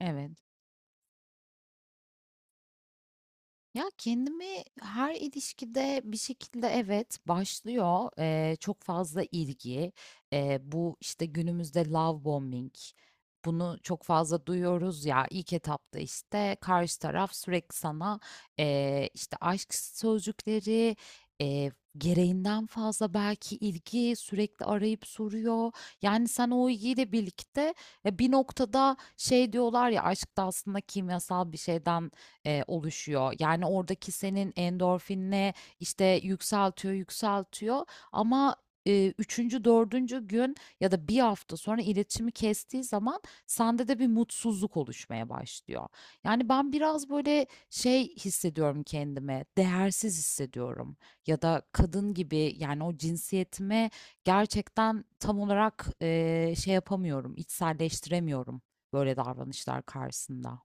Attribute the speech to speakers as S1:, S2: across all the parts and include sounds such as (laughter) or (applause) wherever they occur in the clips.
S1: Evet. Ya kendimi her ilişkide bir şekilde evet başlıyor, çok fazla ilgi. Bu işte günümüzde love bombing, bunu çok fazla duyuyoruz ya. İlk etapta işte karşı taraf sürekli sana işte aşk sözcükleri, eee, gereğinden fazla belki ilgi, sürekli arayıp soruyor. Yani sen o ilgiyle birlikte, bir noktada şey diyorlar ya, aşk da aslında kimyasal bir şeyden oluşuyor. Yani oradaki senin endorfinle işte yükseltiyor, yükseltiyor, ama üçüncü, dördüncü gün ya da bir hafta sonra iletişimi kestiği zaman sende de bir mutsuzluk oluşmaya başlıyor. Yani ben biraz böyle şey hissediyorum kendime, değersiz hissediyorum, ya da kadın gibi, yani o cinsiyetime gerçekten tam olarak şey yapamıyorum, içselleştiremiyorum böyle davranışlar karşısında.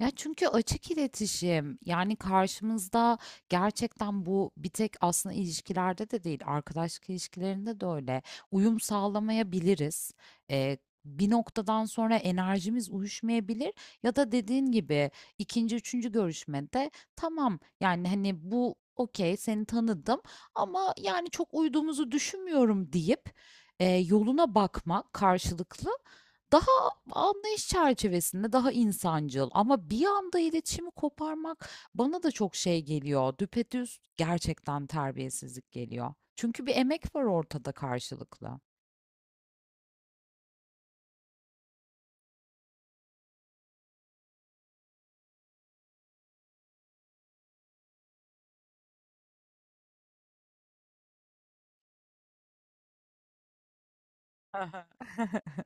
S1: Ya çünkü açık iletişim, yani karşımızda gerçekten bu bir tek aslında ilişkilerde de değil, arkadaşlık ilişkilerinde de öyle, uyum sağlamayabiliriz. Ee, Bir noktadan sonra enerjimiz uyuşmayabilir, ya da dediğin gibi ikinci, üçüncü görüşmede tamam, yani hani bu okey, seni tanıdım ama yani çok uyduğumuzu düşünmüyorum deyip yoluna bakmak karşılıklı. Daha anlayış çerçevesinde, daha insancıl. Ama bir anda iletişimi koparmak bana da çok şey geliyor. Düpedüz gerçekten terbiyesizlik geliyor. Çünkü bir emek var ortada, karşılıklı. Hı. (laughs)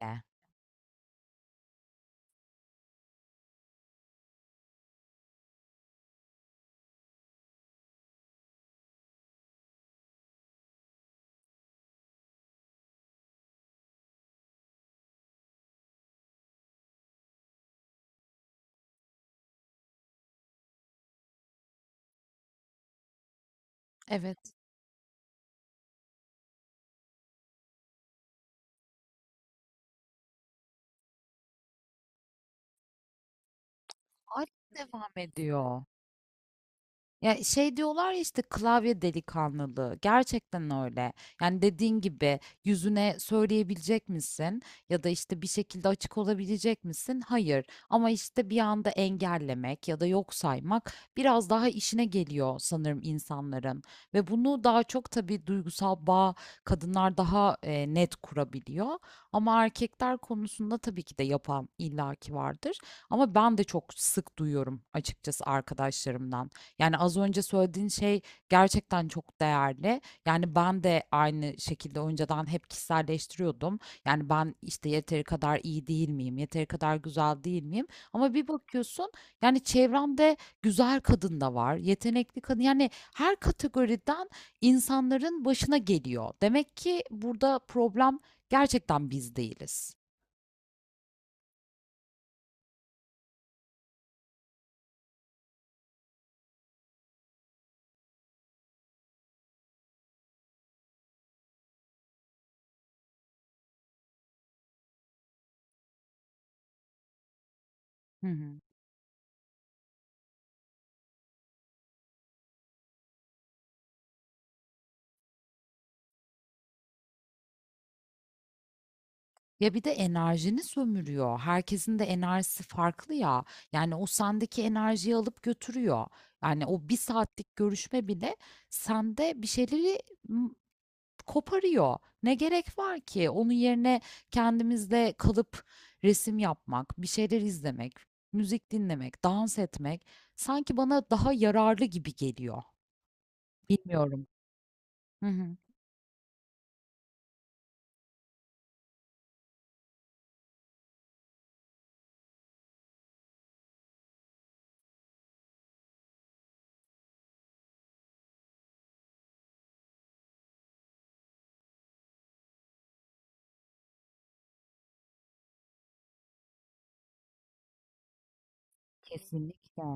S1: De. Evet, hâlâ devam ediyor. Ya şey diyorlar ya, işte klavye delikanlılığı. Gerçekten öyle. Yani dediğin gibi, yüzüne söyleyebilecek misin? Ya da işte bir şekilde açık olabilecek misin? Hayır. Ama işte bir anda engellemek ya da yok saymak biraz daha işine geliyor sanırım insanların. Ve bunu daha çok tabii duygusal bağ kadınlar daha net kurabiliyor. Ama erkekler konusunda tabii ki de yapan illaki vardır. Ama ben de çok sık duyuyorum açıkçası arkadaşlarımdan. Yani az önce söylediğin şey gerçekten çok değerli. Yani ben de aynı şekilde önceden hep kişiselleştiriyordum. Yani ben işte yeteri kadar iyi değil miyim? Yeteri kadar güzel değil miyim? Ama bir bakıyorsun, yani çevremde güzel kadın da var, yetenekli kadın. Yani her kategoriden insanların başına geliyor. Demek ki burada problem gerçekten biz değiliz. Hı hı. Ya bir de enerjini sömürüyor. Herkesin de enerjisi farklı ya. Yani o sendeki enerjiyi alıp götürüyor. Yani o bir saatlik görüşme bile sende bir şeyleri m, koparıyor. Ne gerek var ki? Onun yerine kendimizde kalıp resim yapmak, bir şeyler izlemek, müzik dinlemek, dans etmek sanki bana daha yararlı gibi geliyor. Bilmiyorum. Hı hı. Kesinlikle.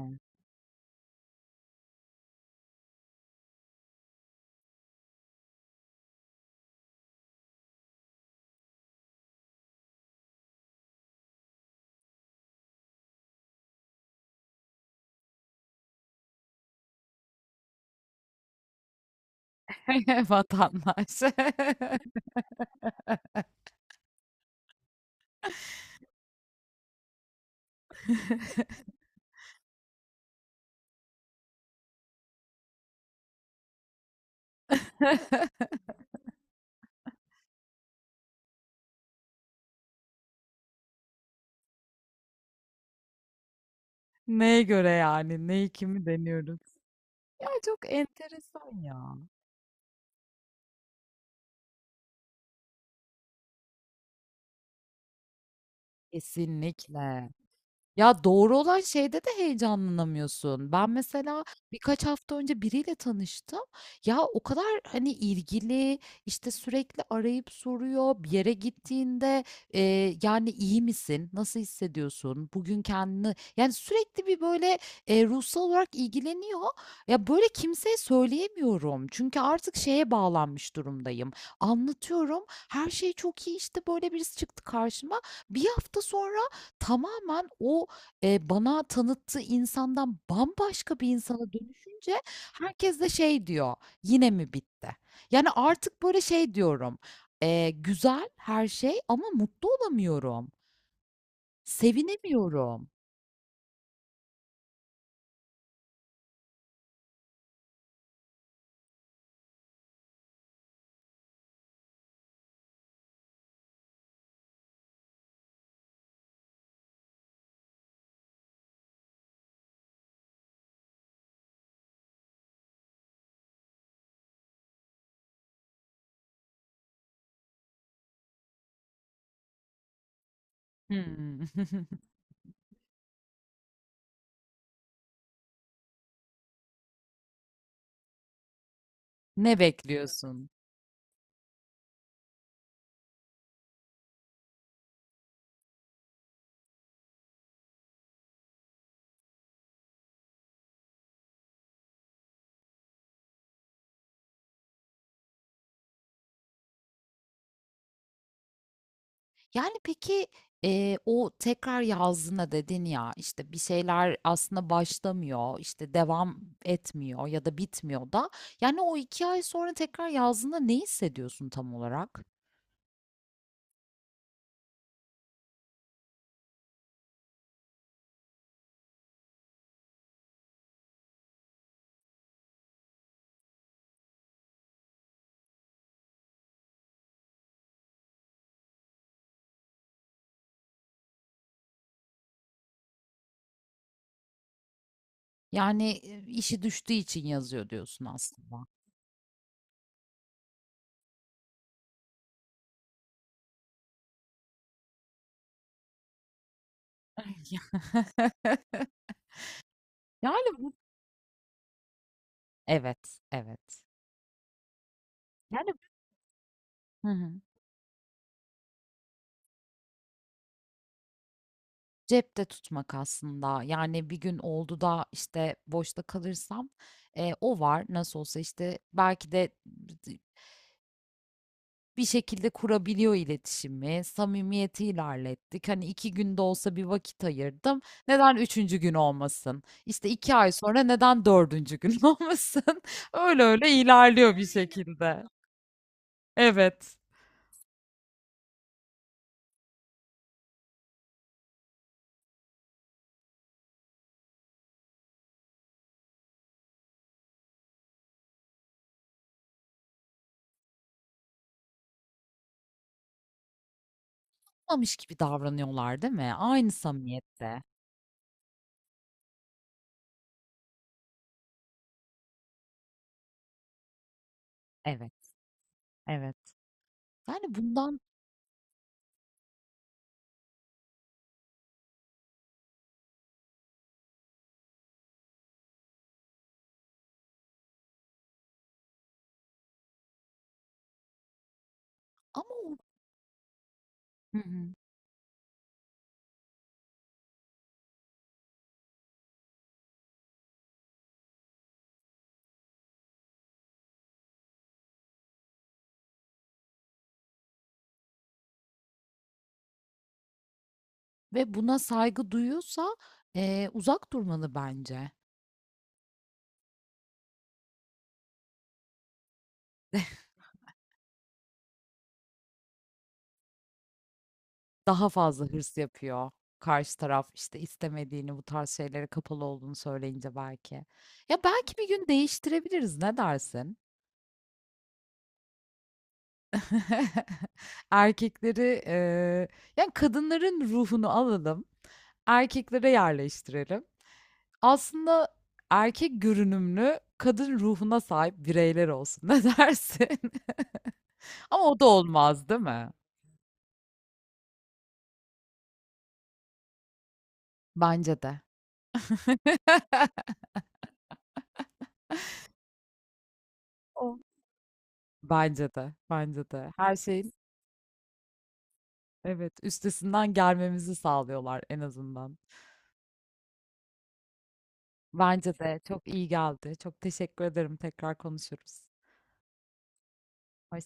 S1: (laughs) Vatandaş. (laughs) Neye göre yani? Neyi kimi deniyoruz? Ya çok enteresan ya. Kesinlikle. Ya, doğru olan şeyde de heyecanlanamıyorsun. Ben mesela birkaç hafta önce biriyle tanıştım. Ya, o kadar, hani, ilgili, işte, sürekli arayıp soruyor. Bir yere gittiğinde, yani, iyi misin? Nasıl hissediyorsun? Bugün kendini" Yani, sürekli bir, böyle, ruhsal olarak ilgileniyor. Ya, böyle, kimseye söyleyemiyorum. Çünkü artık şeye bağlanmış durumdayım. Anlatıyorum, her şey çok iyi, işte, böyle, birisi çıktı karşıma. Bir hafta sonra tamamen o bana tanıttığı insandan bambaşka bir insana dönüşünce herkes de şey diyor, "Yine mi bitti?" Yani, artık, böyle, şey diyorum, "Güzel her şey ama mutlu olamıyorum, sevinemiyorum." Hımm. (laughs) Ne bekliyorsun? Yani, peki, o tekrar yazdığına dedin ya, işte, bir şeyler aslında başlamıyor, işte, devam etmiyor ya da bitmiyor da, yani, o 2 ay sonra tekrar yazdığında ne hissediyorsun tam olarak? Yani, işi düştüğü için yazıyor diyorsun aslında. (laughs) Ya- (laughs) Yani, bu. Evet, evet. Yani. Hı hı. Cepte tutmak aslında. Yani, bir gün oldu da, işte, boşta kalırsam, o var. Nasıl olsa, işte, belki de bir şekilde kurabiliyor iletişimi. Samimiyeti ilerlettik. Hani iki günde olsa bir vakit ayırdım. Neden üçüncü gün olmasın? İşte iki ay sonra neden dördüncü gün (laughs) olmasın? Öyle öyle ilerliyor bir şekilde. Evet. Olmamış gibi davranıyorlar değil mi? Aynı samimiyette. Evet, evet. Yani bundan ama o- Hı hı. Ve buna saygı duyuyorsa uzak durmalı bence. Daha fazla hırs yapıyor karşı taraf, işte, istemediğini, bu tarz şeylere kapalı olduğunu söyleyince belki. Ya, belki bir gün değiştirebiliriz, ne dersin? (laughs) Erkekleri, yani, kadınların ruhunu alalım, erkeklere yerleştirelim. Aslında erkek görünümlü, kadın ruhuna sahip bireyler olsun, (laughs) ne dersin? (laughs) Ama o da olmaz, değil mi? Bence de. (laughs) O. Bence de, bence de. Her şey. Evet, üstesinden gelmemizi sağlıyorlar en azından. Bence de çok iyi geldi. Çok teşekkür ederim. Tekrar konuşuruz. Hoşça